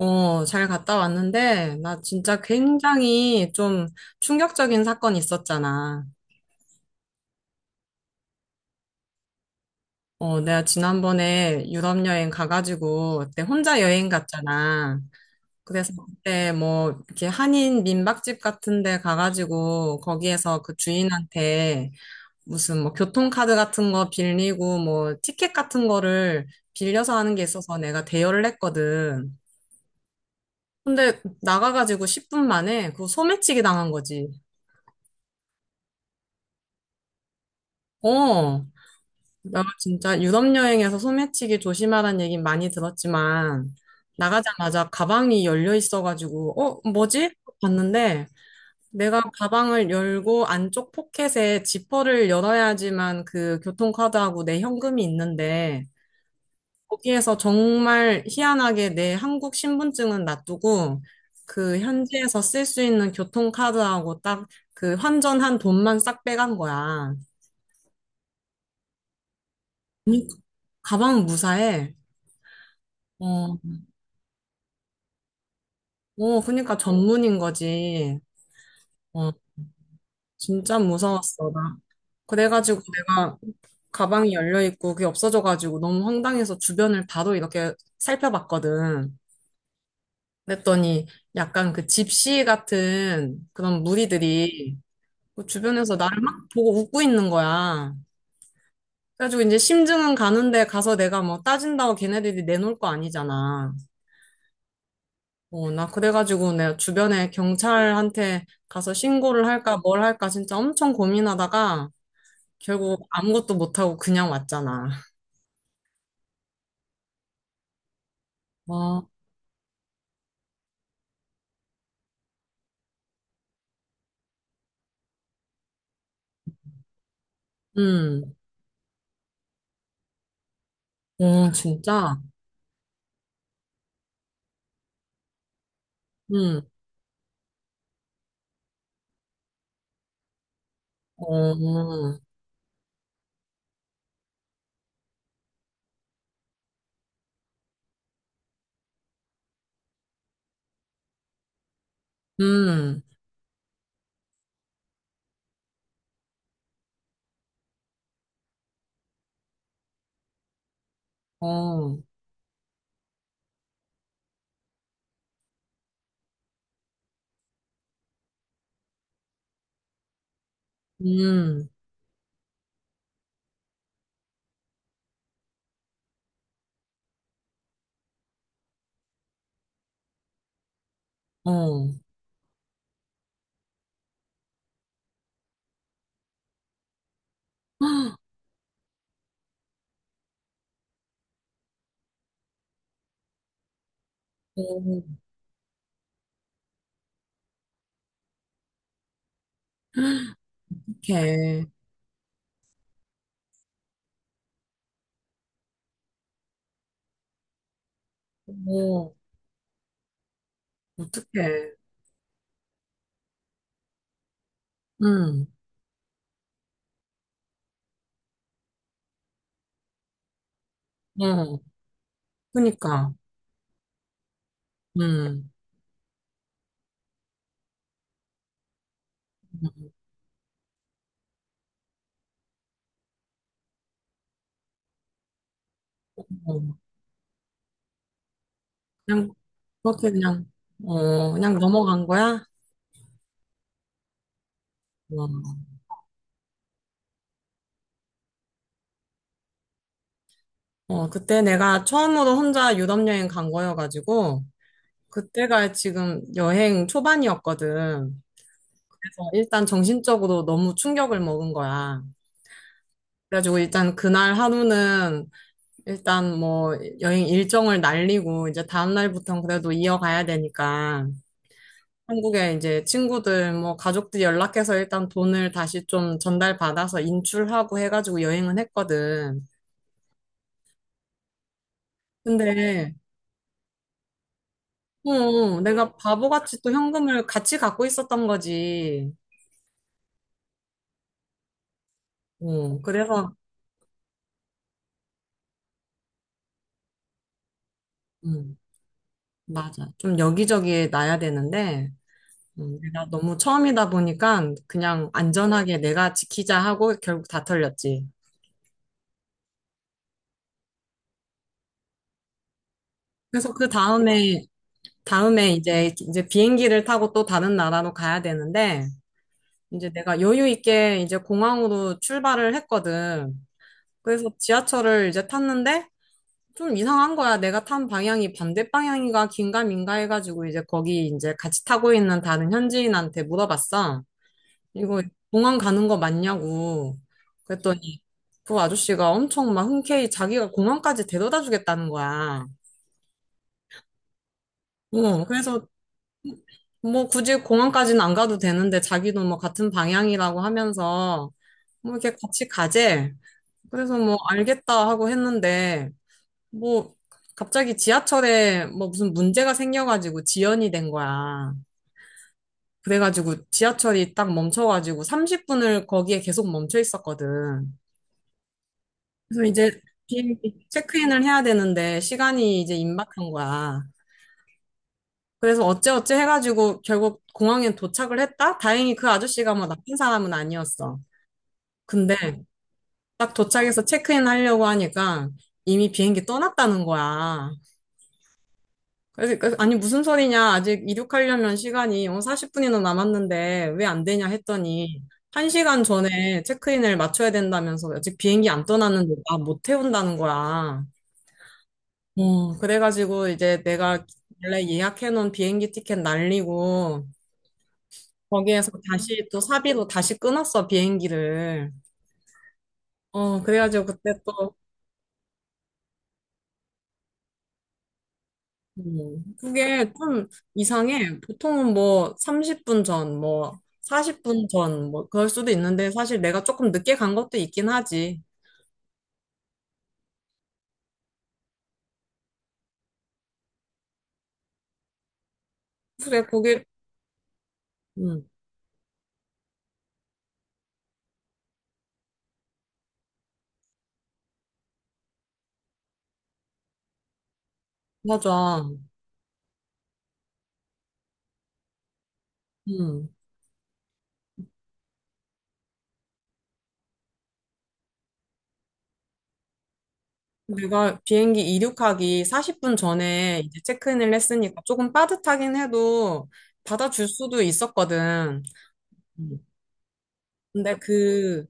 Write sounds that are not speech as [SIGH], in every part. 어, 잘 갔다 왔는데, 나 진짜 굉장히 좀 충격적인 사건이 있었잖아. 어, 내가 지난번에 유럽 여행 가가지고, 그때 혼자 여행 갔잖아. 그래서 그때 뭐, 이렇게 한인 민박집 같은 데 가가지고, 거기에서 그 주인한테 무슨 뭐 교통카드 같은 거 빌리고, 뭐 티켓 같은 거를 빌려서 하는 게 있어서 내가 대여를 했거든. 근데 나가가지고 10분 만에 그거 소매치기 당한 거지. 어. 나 진짜 유럽 여행에서 소매치기 조심하라는 얘긴 많이 들었지만 나가자마자 가방이 열려 있어가지고 어 뭐지? 봤는데 내가 가방을 열고 안쪽 포켓에 지퍼를 열어야지만 그 교통카드하고 내 현금이 있는데 거기에서 정말 희한하게 내 한국 신분증은 놔두고 그 현지에서 쓸 수 있는 교통카드하고 딱 그 환전한 돈만 싹 빼간 거야. 가방 무사해. 어, 그니까 전문인 거지. 어, 진짜 무서웠어, 나. 그래가지고 내가 가방이 열려있고 그게 없어져가지고 너무 황당해서 주변을 바로 이렇게 살펴봤거든. 그랬더니 약간 그 집시 같은 그런 무리들이 그 주변에서 나를 막 보고 웃고 있는 거야. 그래가지고 이제 심증은 가는데 가서 내가 뭐 따진다고 걔네들이 내놓을 거 아니잖아. 어, 나 그래가지고 내가 주변에 경찰한테 가서 신고를 할까 뭘 할까 진짜 엄청 고민하다가 결국 아무것도 못하고 그냥 왔잖아. 아. 음. 어, 진짜? 음. 어. 음. 어. 음. 어. 헉. 어. 어떡해. 어. 어떡해. 음. 어, 그니까. 음. 어, 그냥, 그렇게 그냥, 어, 그냥 넘어간 거야? 어. 어, 그때 내가 처음으로 혼자 유럽 여행 간 거여가지고, 그때가 지금 여행 초반이었거든. 그래서 일단 정신적으로 너무 충격을 먹은 거야. 그래가지고 일단 그날 하루는 일단 뭐 여행 일정을 날리고 이제 다음날부터는 그래도 이어가야 되니까 한국에 이제 친구들 뭐 가족들 연락해서 일단 돈을 다시 좀 전달받아서 인출하고 해가지고 여행은 했거든. 근데 어, 내가 바보같이 또 현금을 같이 갖고 있었던 거지. 어, 그래서 음, 맞아. 좀 여기저기에 놔야 되는데 내가 너무 처음이다 보니까 그냥 안전하게 내가 지키자 하고 결국 다 털렸지. 그래서 그 다음에 이제, 이제 비행기를 타고 또 다른 나라로 가야 되는데, 이제 내가 여유 있게 이제 공항으로 출발을 했거든. 그래서 지하철을 이제 탔는데, 좀 이상한 거야. 내가 탄 방향이 반대 방향인가 긴가 민가 해가지고 이제 거기 이제 같이 타고 있는 다른 현지인한테 물어봤어. 이거 공항 가는 거 맞냐고. 그랬더니 그 아저씨가 엄청 막 흔쾌히 자기가 공항까지 데려다 주겠다는 거야. 어, 그래서 뭐 굳이 공항까지는 안 가도 되는데 자기도 뭐 같은 방향이라고 하면서 뭐 이렇게 같이 가재. 그래서 뭐 알겠다 하고 했는데 뭐 갑자기 지하철에 뭐 무슨 문제가 생겨가지고 지연이 된 거야. 그래가지고 지하철이 딱 멈춰가지고 30분을 거기에 계속 멈춰 있었거든. 그래서 이제 비행기 체크인을 해야 되는데 시간이 이제 임박한 거야. 그래서 어째어째 해가지고 결국 공항에 도착을 했다? 다행히 그 아저씨가 뭐 나쁜 사람은 아니었어. 근데 딱 도착해서 체크인 하려고 하니까 이미 비행기 떠났다는 거야. 그래서 아니 무슨 소리냐? 아직 이륙하려면 시간이 40분이나 남았는데 왜 안 되냐 했더니 한 시간 전에 체크인을 맞춰야 된다면서 아직 비행기 안 떠났는데 나 못 태운다는 거야. 어, 그래가지고 이제 내가 원래 예약해놓은 비행기 티켓 날리고 거기에서 다시 또 사비로 다시 끊었어 비행기를. 어, 그래가지고 그때 또 그게 좀 이상해. 보통은 뭐 30분 전, 뭐 40분 전, 뭐 그럴 수도 있는데 사실 내가 조금 늦게 간 것도 있긴 하지. 그래, 그게 음, 맞아. 음. 내가 비행기 이륙하기 40분 전에 이제 체크인을 했으니까 조금 빠듯하긴 해도 받아줄 수도 있었거든. 음. 근데 그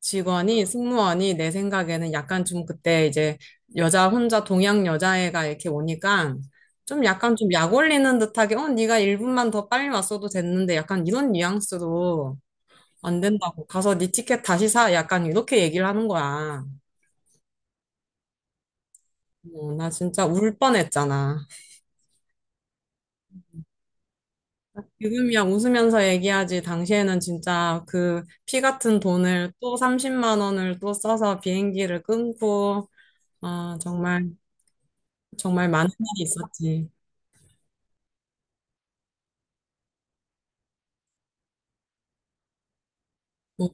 직원이, 승무원이 내 생각에는 약간 좀 그때 이제 여자 혼자 동양 여자애가 이렇게 오니까 좀 약간 좀 약 올리는 듯하게 어, 네가 1분만 더 빨리 왔어도 됐는데 약간 이런 뉘앙스로 안 된다고 가서 네 티켓 다시 사 약간 이렇게 얘기를 하는 거야. 어, 나 진짜 울 뻔했잖아. 유금이야 웃으면서 얘기하지. 당시에는 진짜 그 피 같은 돈을 또 30만 원을 또 써서 비행기를 끊고, 아, 정말, 정말 많은 일이 있었지. 어,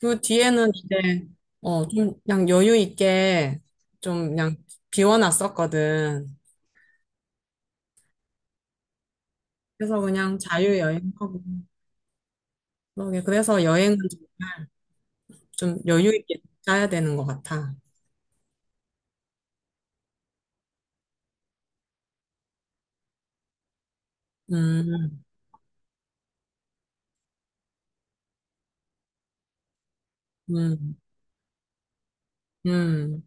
그 뒤에는 이제, 어, 좀 그냥 여유 있게 좀 그냥 비워놨었거든. 그래서 그냥 자유여행하고. 그러게. 그래서 여행은 좀 여유 있게 짜야 되는 것 같아. 음. 음. 음.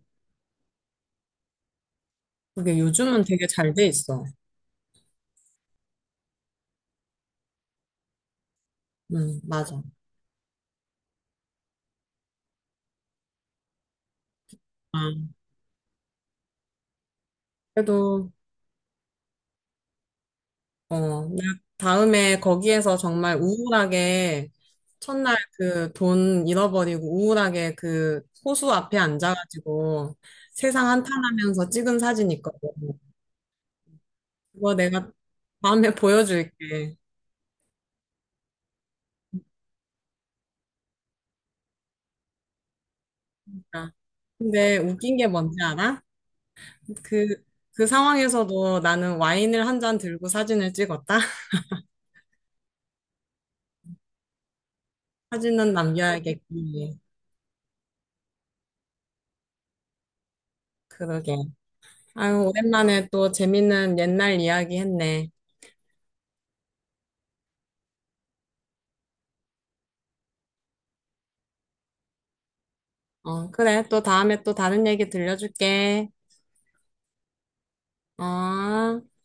그게 요즘은 되게 잘 돼 있어. 맞아. 아. 그래도, 어, 나 다음에 거기에서 정말 우울하게, 첫날 그 돈 잃어버리고 우울하게 그 호수 앞에 앉아가지고 세상 한탄하면서 찍은 사진 있거든. 그거 내가 다음에 [LAUGHS] 보여줄게. 그러니까 근데 웃긴 게 뭔지 알아? 그, 그 상황에서도 나는 와인을 한 잔 들고 사진을 찍었다? [LAUGHS] 사진은 남겨야겠기. 그러게. 아유, 오랜만에 또 재밌는 옛날 이야기 했네. 어, 그래. 또 다음에 또 다른 얘기 들려줄게. 어.